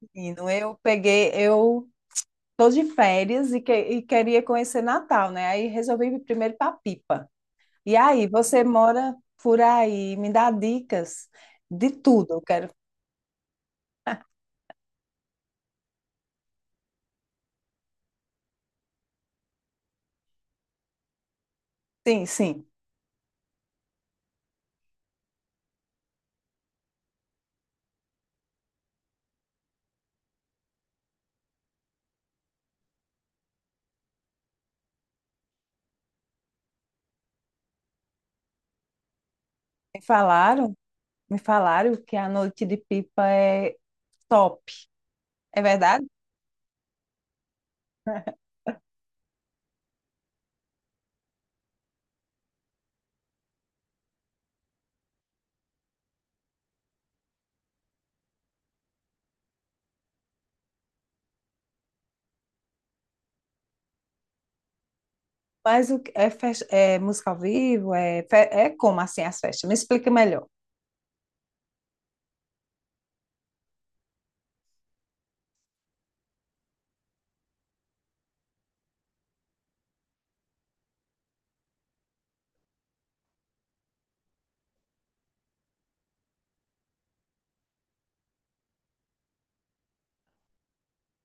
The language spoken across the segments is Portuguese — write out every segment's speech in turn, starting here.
Menino, eu tô de férias e, e queria conhecer Natal, né? Aí resolvi ir primeiro para Pipa. E aí, você mora por aí, me dá dicas de tudo. Eu quero. Sim, sim. Me falaram, me falaram que a noite de Pipa é top. É verdade? É, é música ao vivo? É como assim as festas? Me explica melhor.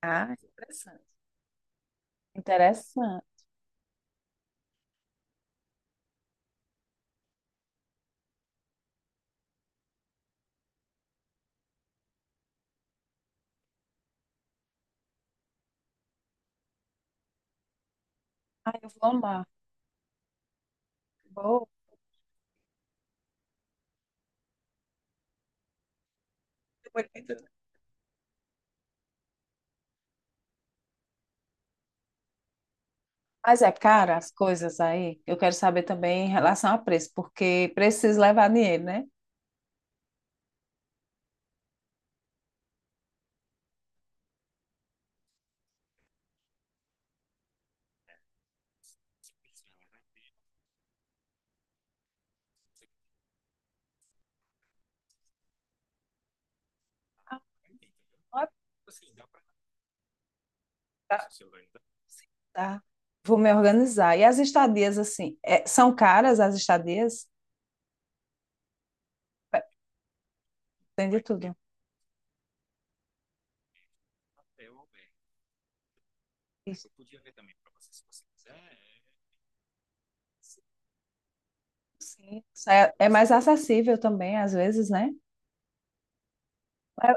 Ah, interessante. Interessante. Ai, eu vou amar. Vou. Mas é cara as coisas aí. Eu quero saber também em relação a preço, porque preciso levar dinheiro, né? Ah, tá. Tá. Vou me organizar. E as estadias, assim, são caras as estadias? É, tem de tudo. Isso. Sim, isso é, é mais acessível também, às vezes, né? É.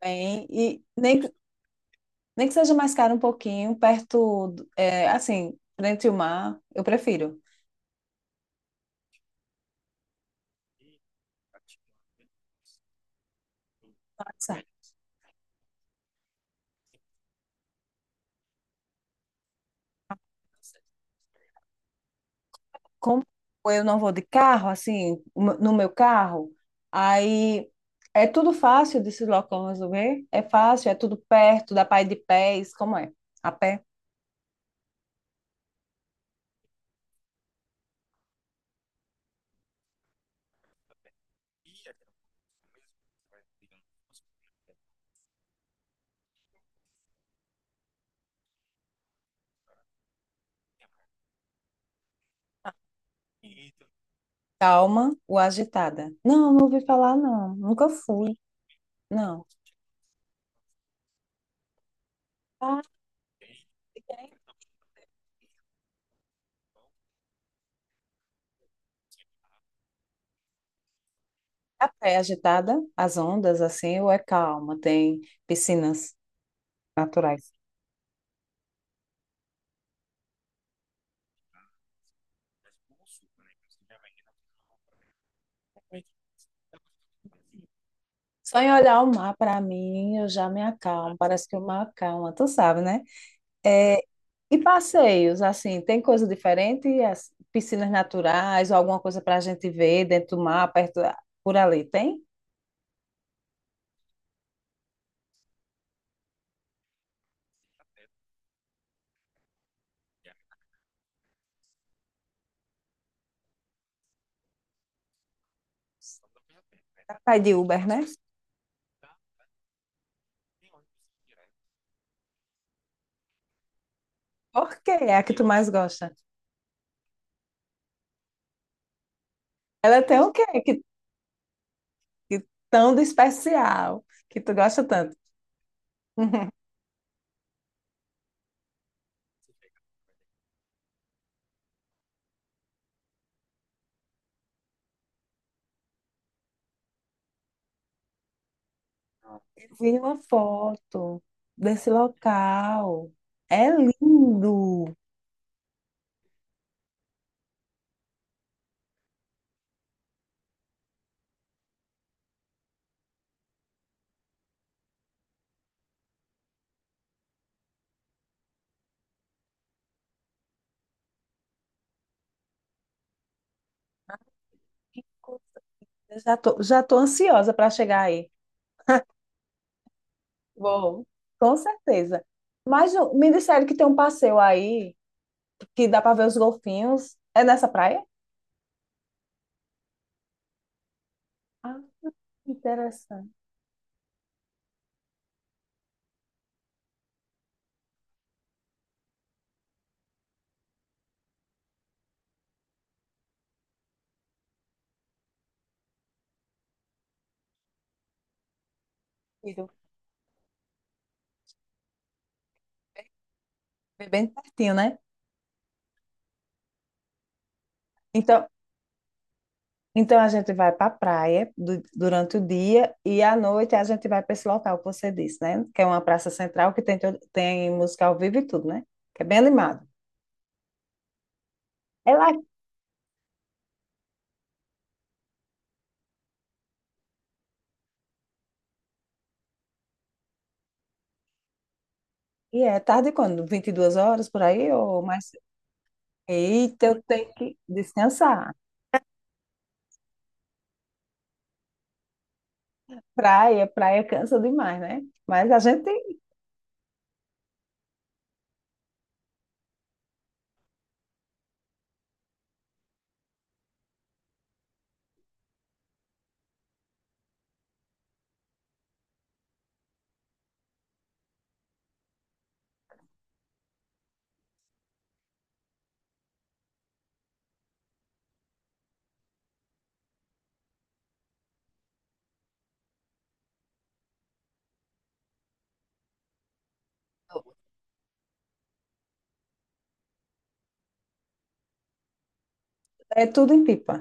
Bem, nem que seja mais caro um pouquinho, perto, é, assim, frente ao mar, eu prefiro. Tá certo. Como eu não vou de carro, assim, no meu carro, aí é tudo fácil de se locomover, é fácil, é tudo perto, dá para ir de pés, como é? A pé. Calma ou agitada? Não, não ouvi falar, não. Nunca fui, não. Ah, tem a pé agitada, as ondas, assim, ou é calma? Tem piscinas naturais. Só em olhar o mar, para mim, eu já me acalmo. Parece que o mar acalma, tu sabe, né? É. E passeios, assim, tem coisa diferente? As piscinas naturais ou alguma coisa para a gente ver dentro do mar, perto, por ali, tem? Pai de Uber, né? Por quê? É a que tu mais gosta. Ela tem o quê que tão de especial que tu gosta tanto? Eu vi uma foto desse local. É lindo. Que coisa. Já tô ansiosa para chegar aí. Bom, com certeza. Me disseram que tem um passeio aí que dá para ver os golfinhos. É nessa praia? Ah, interessante. É bem pertinho, né? Então, então a gente vai para a praia durante o dia e à noite a gente vai para esse local que você disse, né? Que é uma praça central que tem, tem música ao vivo e tudo, né? Que é bem animado. É lá. E é tarde quando? 22 horas por aí ou mais? Eita, eu tenho que descansar. Praia, praia cansa demais, né? Mas a gente tem. É tudo em Pipa.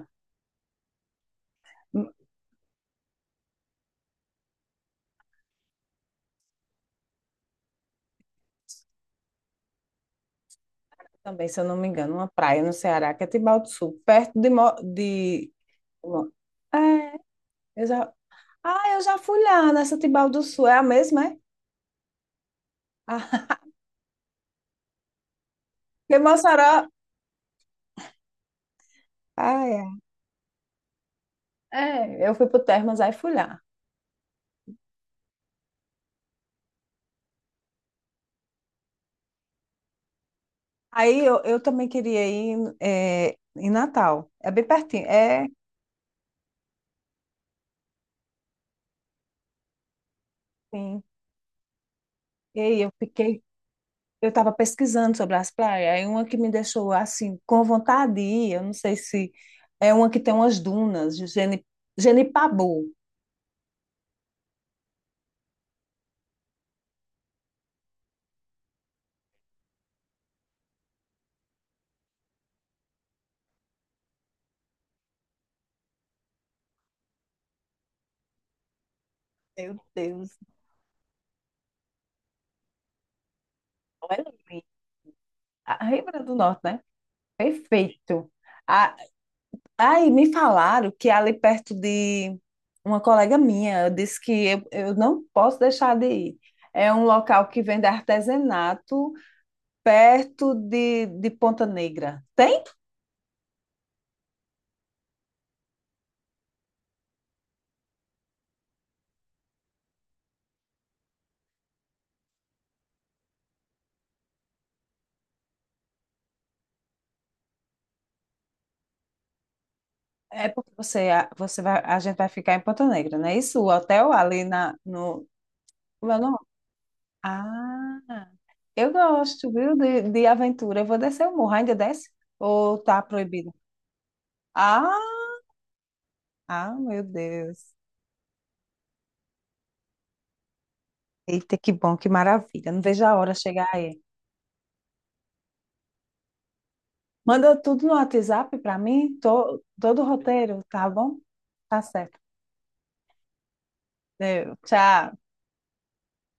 Hum. Também, se eu não me engano, uma praia no Ceará, que é Tibau do Sul, perto de, de... Mo- é, eu já... Ah, eu já fui lá nessa Tibau do Sul. É a mesma, é? Ah, porque Mossoró... Ah, é. É, eu fui pro Termas, aí fui lá. Eu também queria ir é, em Natal. É bem pertinho. É, sim. Ei, eu fiquei, eu estava pesquisando sobre as praias, aí uma que me deixou assim com vontade de ir, eu não sei se é uma que tem umas dunas, Genipabu. Meu Deus, olha ali. A Rio Grande do Norte, né? Perfeito. A- aí me falaram que é ali perto de uma colega minha, eu disse que eu não posso deixar de ir. É um local que vende artesanato perto de Ponta Negra. Tem? É porque você vai, a gente vai ficar em Ponta Negra, não é isso? O hotel ali na, no. Como é o nome? Ah, eu gosto, viu, de aventura. Eu vou descer o morro, ainda desce? Ou tá proibido? Ah, ah, meu Deus. Eita, que bom, que maravilha. Não vejo a hora chegar aí. Manda tudo no WhatsApp para mim, todo o roteiro, tá bom? Tá certo. Deu. Tchau.